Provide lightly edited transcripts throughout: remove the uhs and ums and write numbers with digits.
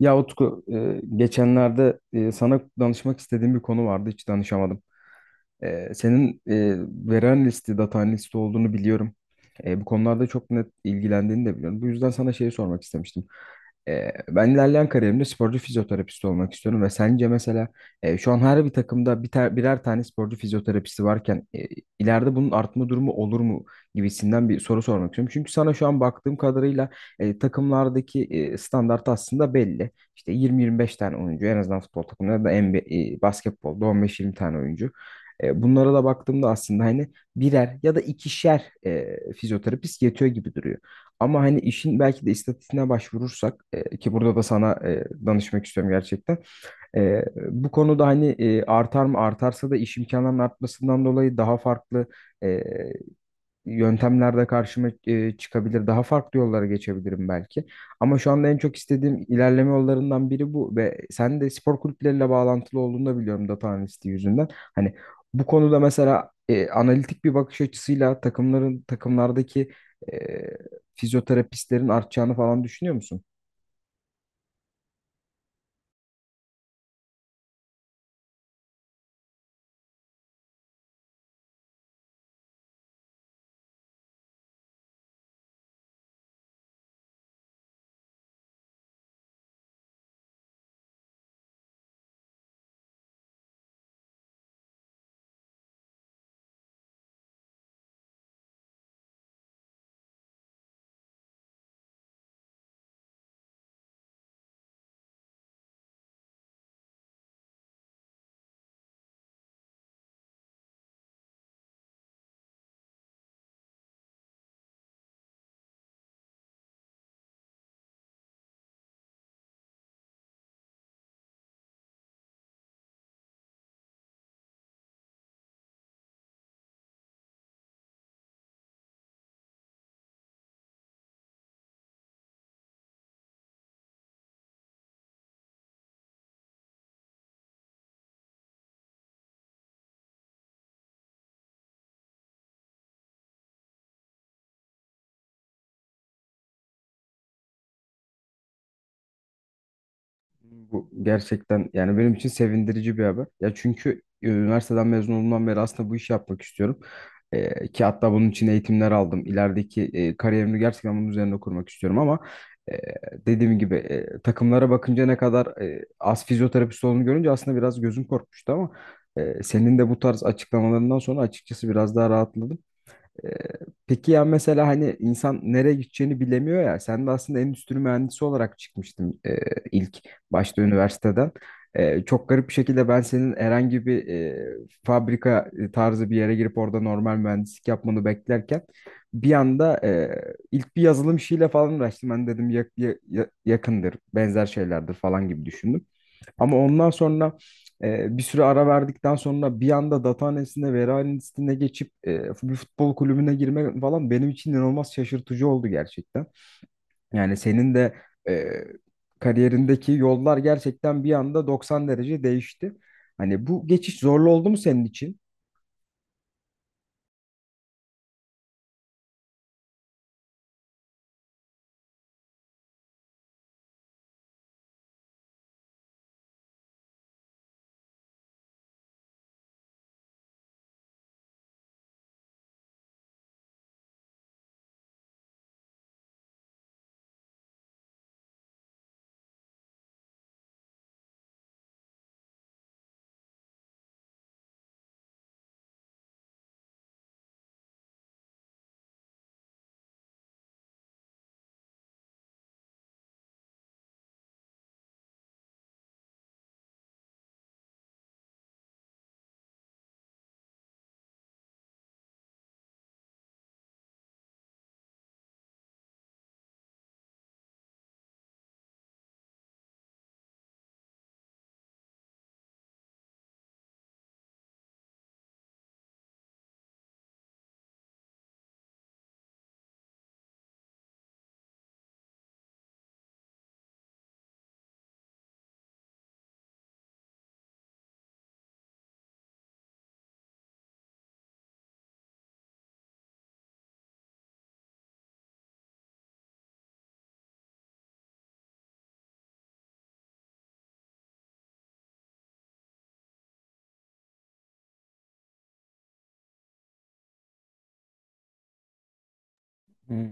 Ya Utku, geçenlerde sana danışmak istediğim bir konu vardı. Hiç danışamadım. Senin veri analisti, data analisti olduğunu biliyorum. Bu konularda çok net ilgilendiğini de biliyorum. Bu yüzden sana şeyi sormak istemiştim. Ben ilerleyen kariyerimde sporcu fizyoterapist olmak istiyorum ve sence mesela şu an her bir takımda birer tane sporcu fizyoterapisti varken ileride bunun artma durumu olur mu gibisinden bir soru sormak istiyorum. Çünkü sana şu an baktığım kadarıyla takımlardaki standart aslında belli. İşte 20-25 tane oyuncu en azından futbol takımlarında da NBA, basketbolda 15-20 tane oyuncu. Bunlara da baktığımda aslında hani birer ya da ikişer fizyoterapist yetiyor gibi duruyor. Ama hani işin belki de istatistiğine başvurursak ki burada da sana danışmak istiyorum gerçekten. E, bu konuda hani artar mı, artarsa da iş imkanlarının artmasından dolayı daha farklı e, yöntemlerde karşıma çıkabilir. Daha farklı yollara geçebilirim belki. Ama şu anda en çok istediğim ilerleme yollarından biri bu ve sen de spor kulüpleriyle bağlantılı olduğunu da biliyorum, data analisti yüzünden. Hani bu konuda mesela analitik bir bakış açısıyla takımlardaki e, fizyoterapistlerin artacağını falan düşünüyor musun? Bu gerçekten yani benim için sevindirici bir haber. Ya çünkü üniversiteden mezun olduğumdan beri aslında bu işi yapmak istiyorum. Ki hatta bunun için eğitimler aldım. İlerideki kariyerimi gerçekten bunun üzerine kurmak istiyorum ama e, dediğim gibi takımlara bakınca ne kadar az fizyoterapist olduğunu görünce aslında biraz gözüm korkmuştu, ama senin de bu tarz açıklamalarından sonra açıkçası biraz daha rahatladım. Ee, Peki ya mesela hani insan nereye gideceğini bilemiyor ya. Sen de aslında endüstri mühendisi olarak çıkmıştın ilk başta üniversiteden. Çok garip bir şekilde ben senin herhangi bir fabrika tarzı bir yere girip orada normal mühendislik yapmanı beklerken bir anda ilk bir yazılım işiyle falan uğraştım. Ben dedim yakındır, benzer şeylerdir falan gibi düşündüm. Ama ondan sonra bir süre ara verdikten sonra bir anda data analistine, veri analistine geçip bir futbol kulübüne girmek falan benim için inanılmaz şaşırtıcı oldu gerçekten. Yani senin de e, kariyerindeki yollar gerçekten bir anda 90 derece değişti. Hani bu geçiş zorlu oldu mu senin için? Hmm.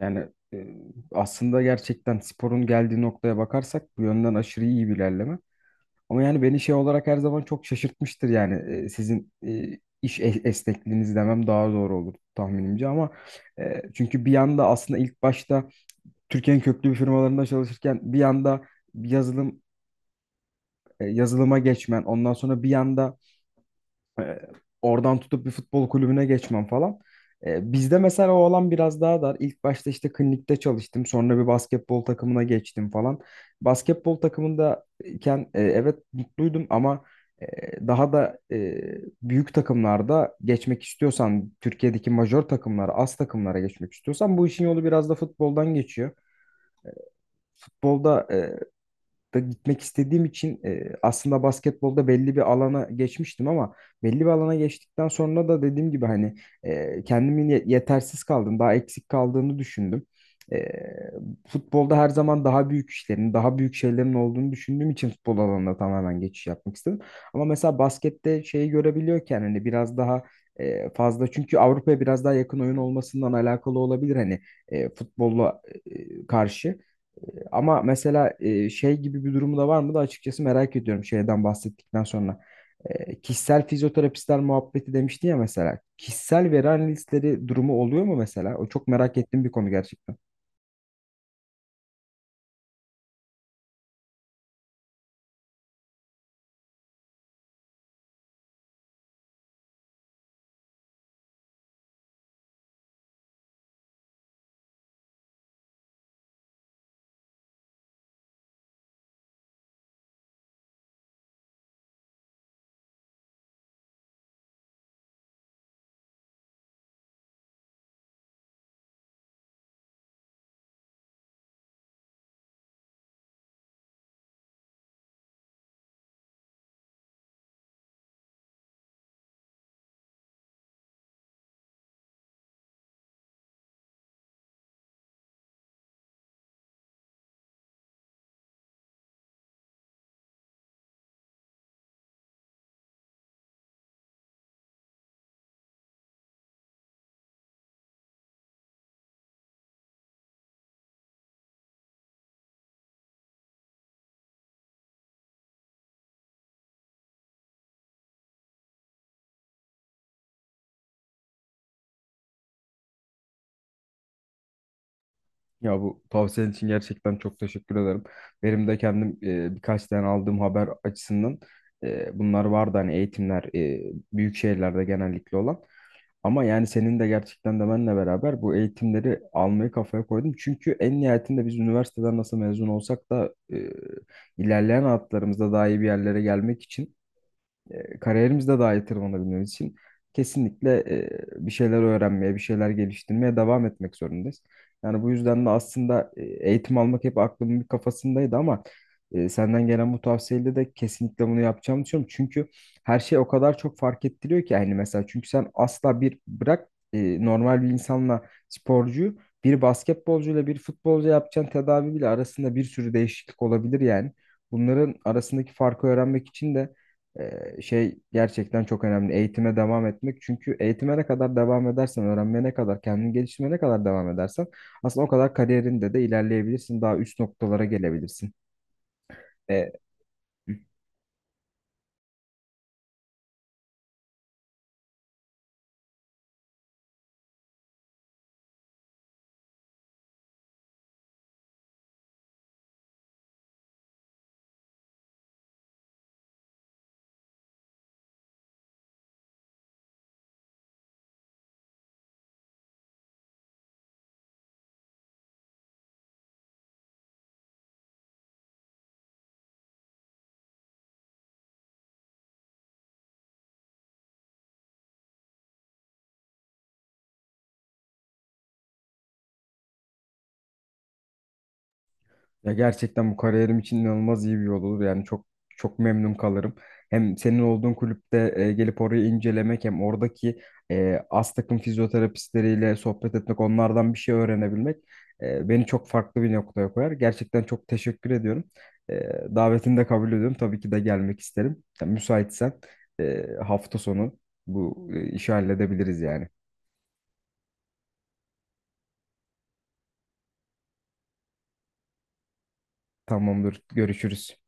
Yani aslında gerçekten sporun geldiği noktaya bakarsak bu yönden aşırı iyi bir ilerleme. Ama yani beni şey olarak her zaman çok şaşırtmıştır, yani sizin esnekliğiniz demem daha doğru olur tahminimce, ama çünkü bir yanda aslında ilk başta Türkiye'nin köklü bir firmalarında çalışırken bir yanda yazılım yazılıma geçmen, ondan sonra bir yanda e, oradan tutup bir futbol kulübüne geçmem falan. Bizde mesela o alan biraz daha dar. İlk başta işte klinikte çalıştım. Sonra bir basketbol takımına geçtim falan. Basketbol takımındayken evet mutluydum, ama e, daha da büyük takımlarda geçmek istiyorsan, Türkiye'deki majör takımlara, az takımlara geçmek istiyorsan bu işin yolu biraz da futboldan geçiyor. Futbolda da gitmek istediğim için aslında basketbolda belli bir alana geçmiştim, ama belli bir alana geçtikten sonra da dediğim gibi hani yetersiz kaldım, daha eksik kaldığını düşündüm. E, futbolda her zaman daha büyük işlerin, daha büyük şeylerin olduğunu düşündüğüm için futbol alanına tamamen geçiş yapmak istedim. Ama mesela baskette şeyi görebiliyorken hani biraz daha fazla, çünkü Avrupa'ya biraz daha yakın oyun olmasından alakalı olabilir hani futbolla karşı. Ama mesela şey gibi bir durumu da var mı da açıkçası merak ediyorum, şeyden bahsettikten sonra. Kişisel fizyoterapistler muhabbeti demiştin ya mesela. Kişisel veri analistleri durumu oluyor mu mesela? O çok merak ettiğim bir konu gerçekten. Ya bu tavsiyen için gerçekten çok teşekkür ederim. Benim de kendim birkaç tane aldığım haber açısından bunlar vardı hani, eğitimler büyük şehirlerde genellikle olan. Ama yani senin de gerçekten de benle beraber bu eğitimleri almayı kafaya koydum. Çünkü en nihayetinde biz üniversiteden nasıl mezun olsak da ilerleyen hayatlarımızda daha iyi bir yerlere gelmek için kariyerimizde daha iyi tırmanabilmemiz için kesinlikle bir şeyler öğrenmeye, bir şeyler geliştirmeye devam etmek zorundayız. Yani bu yüzden de aslında eğitim almak hep aklımın bir kafasındaydı, ama senden gelen bu tavsiyeyle de kesinlikle bunu yapacağımı düşünüyorum. Çünkü her şey o kadar çok fark ettiriyor ki, hani mesela, çünkü sen asla bir bırak normal bir insanla sporcuyu, bir basketbolcuyla bir futbolcu yapacağın tedavi bile arasında bir sürü değişiklik olabilir yani. Bunların arasındaki farkı öğrenmek için de şey gerçekten çok önemli. Eğitime devam etmek. Çünkü eğitime ne kadar devam edersen, öğrenmeye ne kadar, kendini geliştirmeye ne kadar devam edersen aslında o kadar kariyerinde de ilerleyebilirsin. Daha üst noktalara gelebilirsin. Ee, Ya gerçekten bu kariyerim için inanılmaz iyi bir yol olur. Yani çok çok memnun kalırım. Hem senin olduğun kulüpte gelip orayı incelemek, hem oradaki az takım fizyoterapistleriyle sohbet etmek, onlardan bir şey öğrenebilmek beni çok farklı bir noktaya koyar. Gerçekten çok teşekkür ediyorum. E, davetini de kabul ediyorum. Tabii ki de gelmek isterim. Yani müsaitsen hafta sonu bu işi halledebiliriz yani. Tamamdır. Görüşürüz.